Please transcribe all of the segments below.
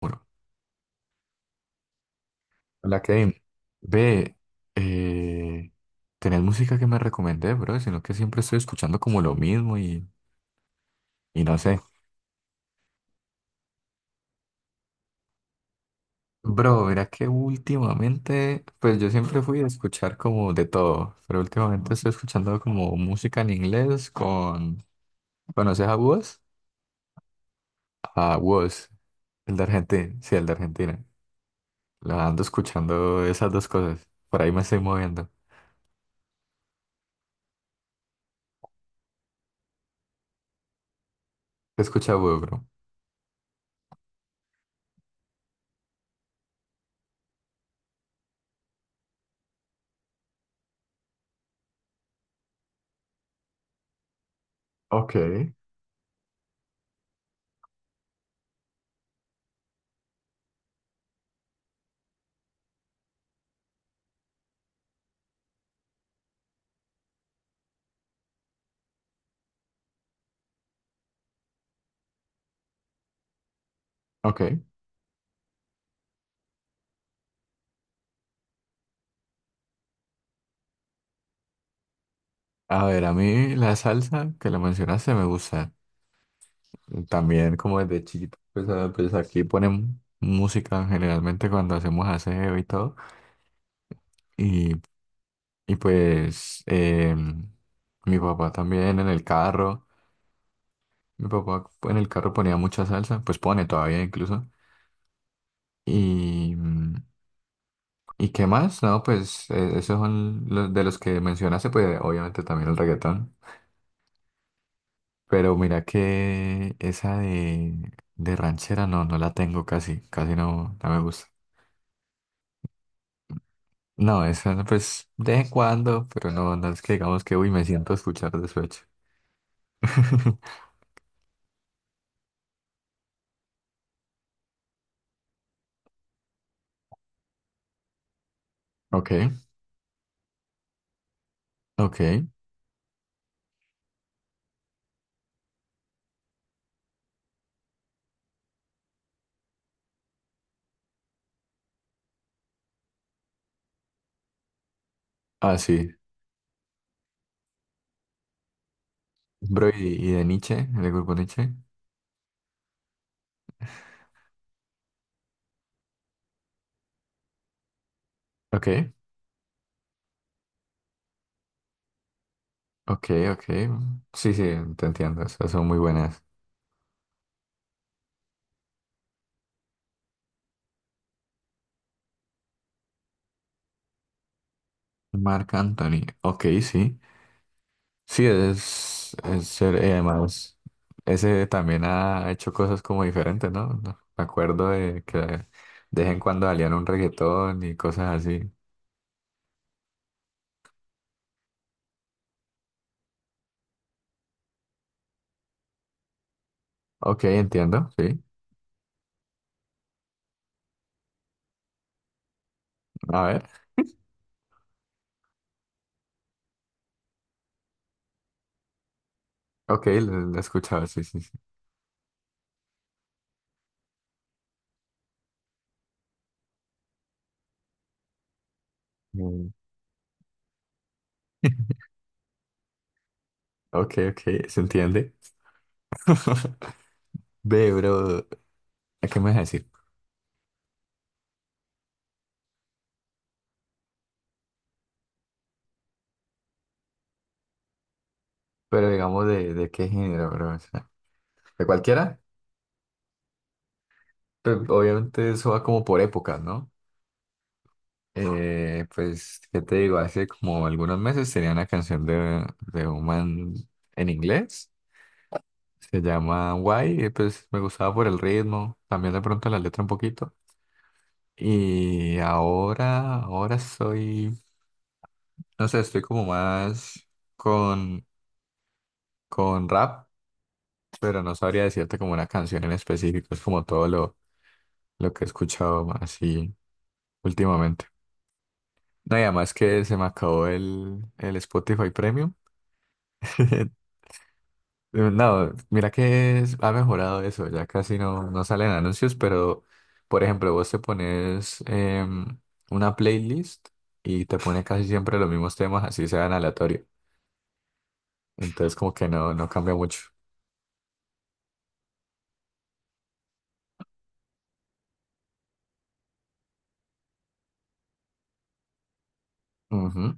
Bueno, hola Kevin. Ve, eh, tenés música que me recomendé, bro, sino que siempre estoy escuchando como lo mismo y no sé. Bro, mira que últimamente, pues yo siempre fui a escuchar como de todo, pero últimamente estoy escuchando como música en inglés con, ¿conoces a Wos? A Wos, el de Argentina, sí, el de Argentina. La ando escuchando esas dos cosas, por ahí me estoy moviendo. ¿Qué escucha Wos, bro? Ok, ok. A ver, a mí la salsa que la mencionaste me gusta. También como desde chiquito, pues, pues aquí ponen música generalmente cuando hacemos aseo y todo. Y, y pues mi papá también en el carro, mi papá en el carro ponía mucha salsa, pues pone todavía incluso. Y, ¿y qué más? No, pues esos son los de los que mencionaste, pues obviamente también el reggaetón. Pero mira que esa de ranchera no, no la tengo casi, casi no, no me gusta. No, esa no, pues de vez en cuando, pero no, no es que digamos que uy, me siento a escuchar despecho. Ok, ok. Ah, sí. Bro, y de Nietzsche, del grupo Nietzsche. Ok, ok, ok. Sí, sí, te entiendo. Esas son muy buenas. Marc Anthony. Ok, sí. Sí, es chévere, y además, ese también ha hecho cosas como diferentes, ¿no? No, me acuerdo de que de vez en cuando salían un reggaetón y cosas así. Ok, entiendo, sí. A ver, ok, lo he escuchado, sí, sí, sí. Mm. Ok, ok, se entiende. Ve, bro, ¿a qué me vas a decir? Pero digamos, de qué género, bro? O sea, ¿de cualquiera? Pero obviamente eso va como por épocas, ¿no? Pues, ¿qué te digo? Hace como algunos meses tenía una canción de un man en inglés, se llama Why, y pues me gustaba por el ritmo, también de pronto la letra un poquito. Y ahora soy, no sé, estoy como más con, con rap, pero no sabría decirte como una canción en específico, es como todo lo que he escuchado así últimamente. No, y además que se me acabó el Spotify Premium. No, mira que ha mejorado eso, ya casi no, no salen anuncios, pero por ejemplo, vos te pones una playlist y te pone casi siempre los mismos temas, así sean aleatorio. Entonces como que no, no cambia mucho. Ujú.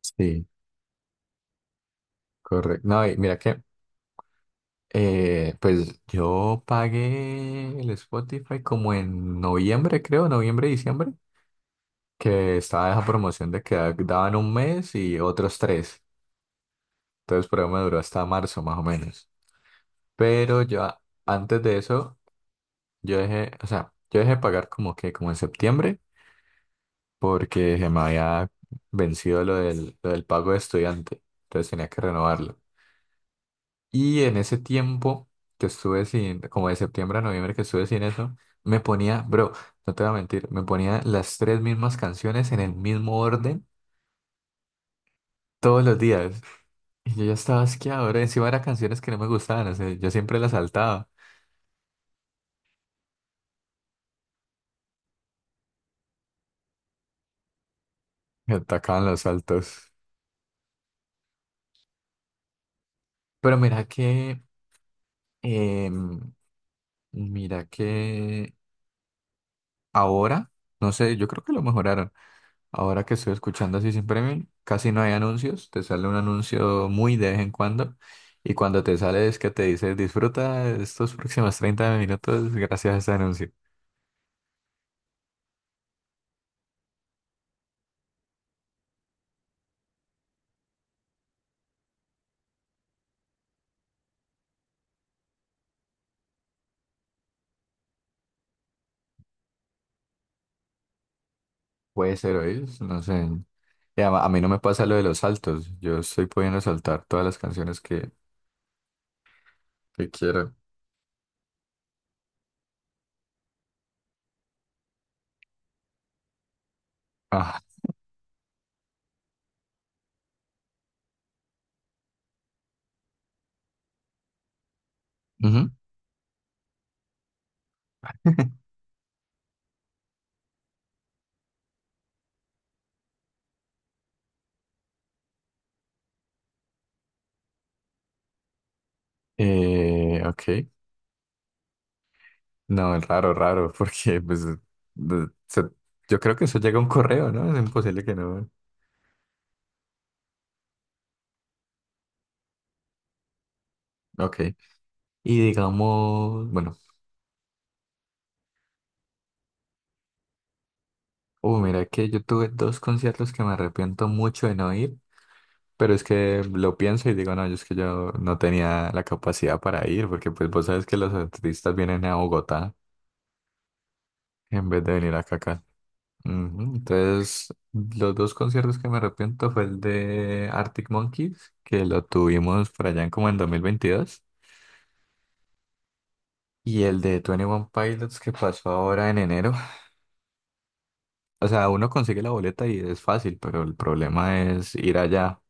Sí, correcto. No, y mira que pues yo pagué el Spotify como en noviembre, creo, noviembre, diciembre, que estaba esa promoción de que daban un mes y otros tres. Entonces, por ahí me duró hasta marzo más o menos. Pero yo antes de eso, yo dejé, o sea, yo dejé pagar como que como en septiembre porque se me había vencido lo lo del pago de estudiante. Entonces tenía que renovarlo. Y en ese tiempo que estuve sin, como de septiembre a noviembre que estuve sin eso, me ponía, bro, no te voy a mentir, me ponía las tres mismas canciones en el mismo orden todos los días. Y yo ya estaba asqueado, bro. Encima eran canciones que no me gustaban, o sea, yo siempre las saltaba. Me atacaban los saltos. Pero mira que Em, mira que ahora, no sé, yo creo que lo mejoraron. Ahora que estoy escuchando así sin premium, casi no hay anuncios. Te sale un anuncio muy de vez en cuando. Y cuando te sale es que te dice, disfruta estos próximos 30 minutos gracias a este anuncio. Puede ser hoy, no sé. Y a mí no me pasa lo de los saltos. Yo estoy pudiendo saltar todas las canciones que quiero. Ah, ujú. Ok. No, es raro, raro, porque pues de- se- yo creo que eso llega a un correo, ¿no? Es imposible que no. Ok. Y digamos, bueno, mira que yo tuve dos conciertos que me arrepiento mucho de no ir, pero es que lo pienso y digo, no, yo es que yo no tenía la capacidad para ir, porque pues vos sabes que los artistas vienen a Bogotá en vez de venir acá. Ujú. Entonces, los dos conciertos que me arrepiento fue el de Arctic Monkeys, que lo tuvimos por allá en como en 2022. Y el de 21 Pilots que pasó ahora en enero. O sea, uno consigue la boleta y es fácil, pero el problema es ir allá.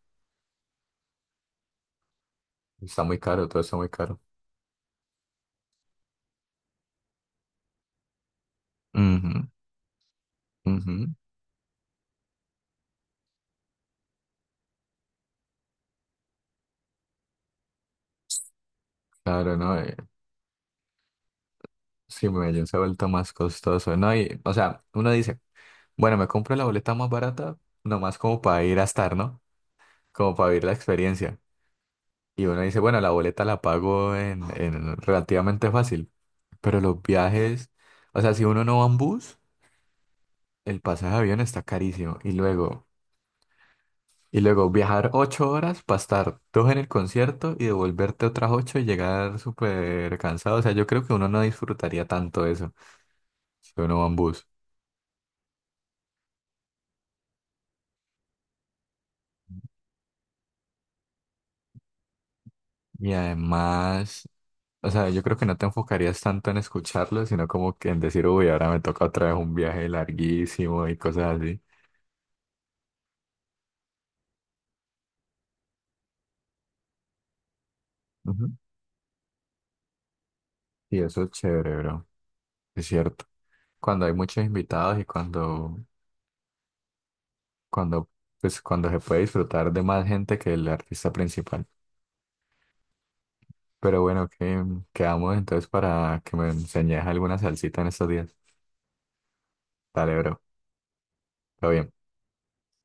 Está muy caro, todo está muy caro. Ujú, ujú. Claro, no. Sí, Medellín se ha vuelto más costoso, ¿no? Y, o sea, uno dice, bueno, me compro la boleta más barata, nomás como para ir a estar, ¿no? Como para vivir la experiencia. Y uno dice, bueno, la boleta la pago en relativamente fácil. Pero los viajes, o sea, si uno no va en bus, el pasaje de avión está carísimo. Y y luego viajar 8 horas para estar dos en el concierto y devolverte otras ocho y llegar súper cansado. O sea, yo creo que uno no disfrutaría tanto eso si uno va en bus. Y además, o sea, yo creo que no te enfocarías tanto en escucharlo, sino como que en decir, uy, ahora me toca otra vez un viaje larguísimo y cosas así. Ujú. Y eso es chévere, bro. Es cierto. Cuando hay muchos invitados cuando, pues, cuando se puede disfrutar de más gente que el artista principal. Pero bueno, que quedamos entonces para que me enseñes alguna salsita en estos días. Dale, bro. Todo bien.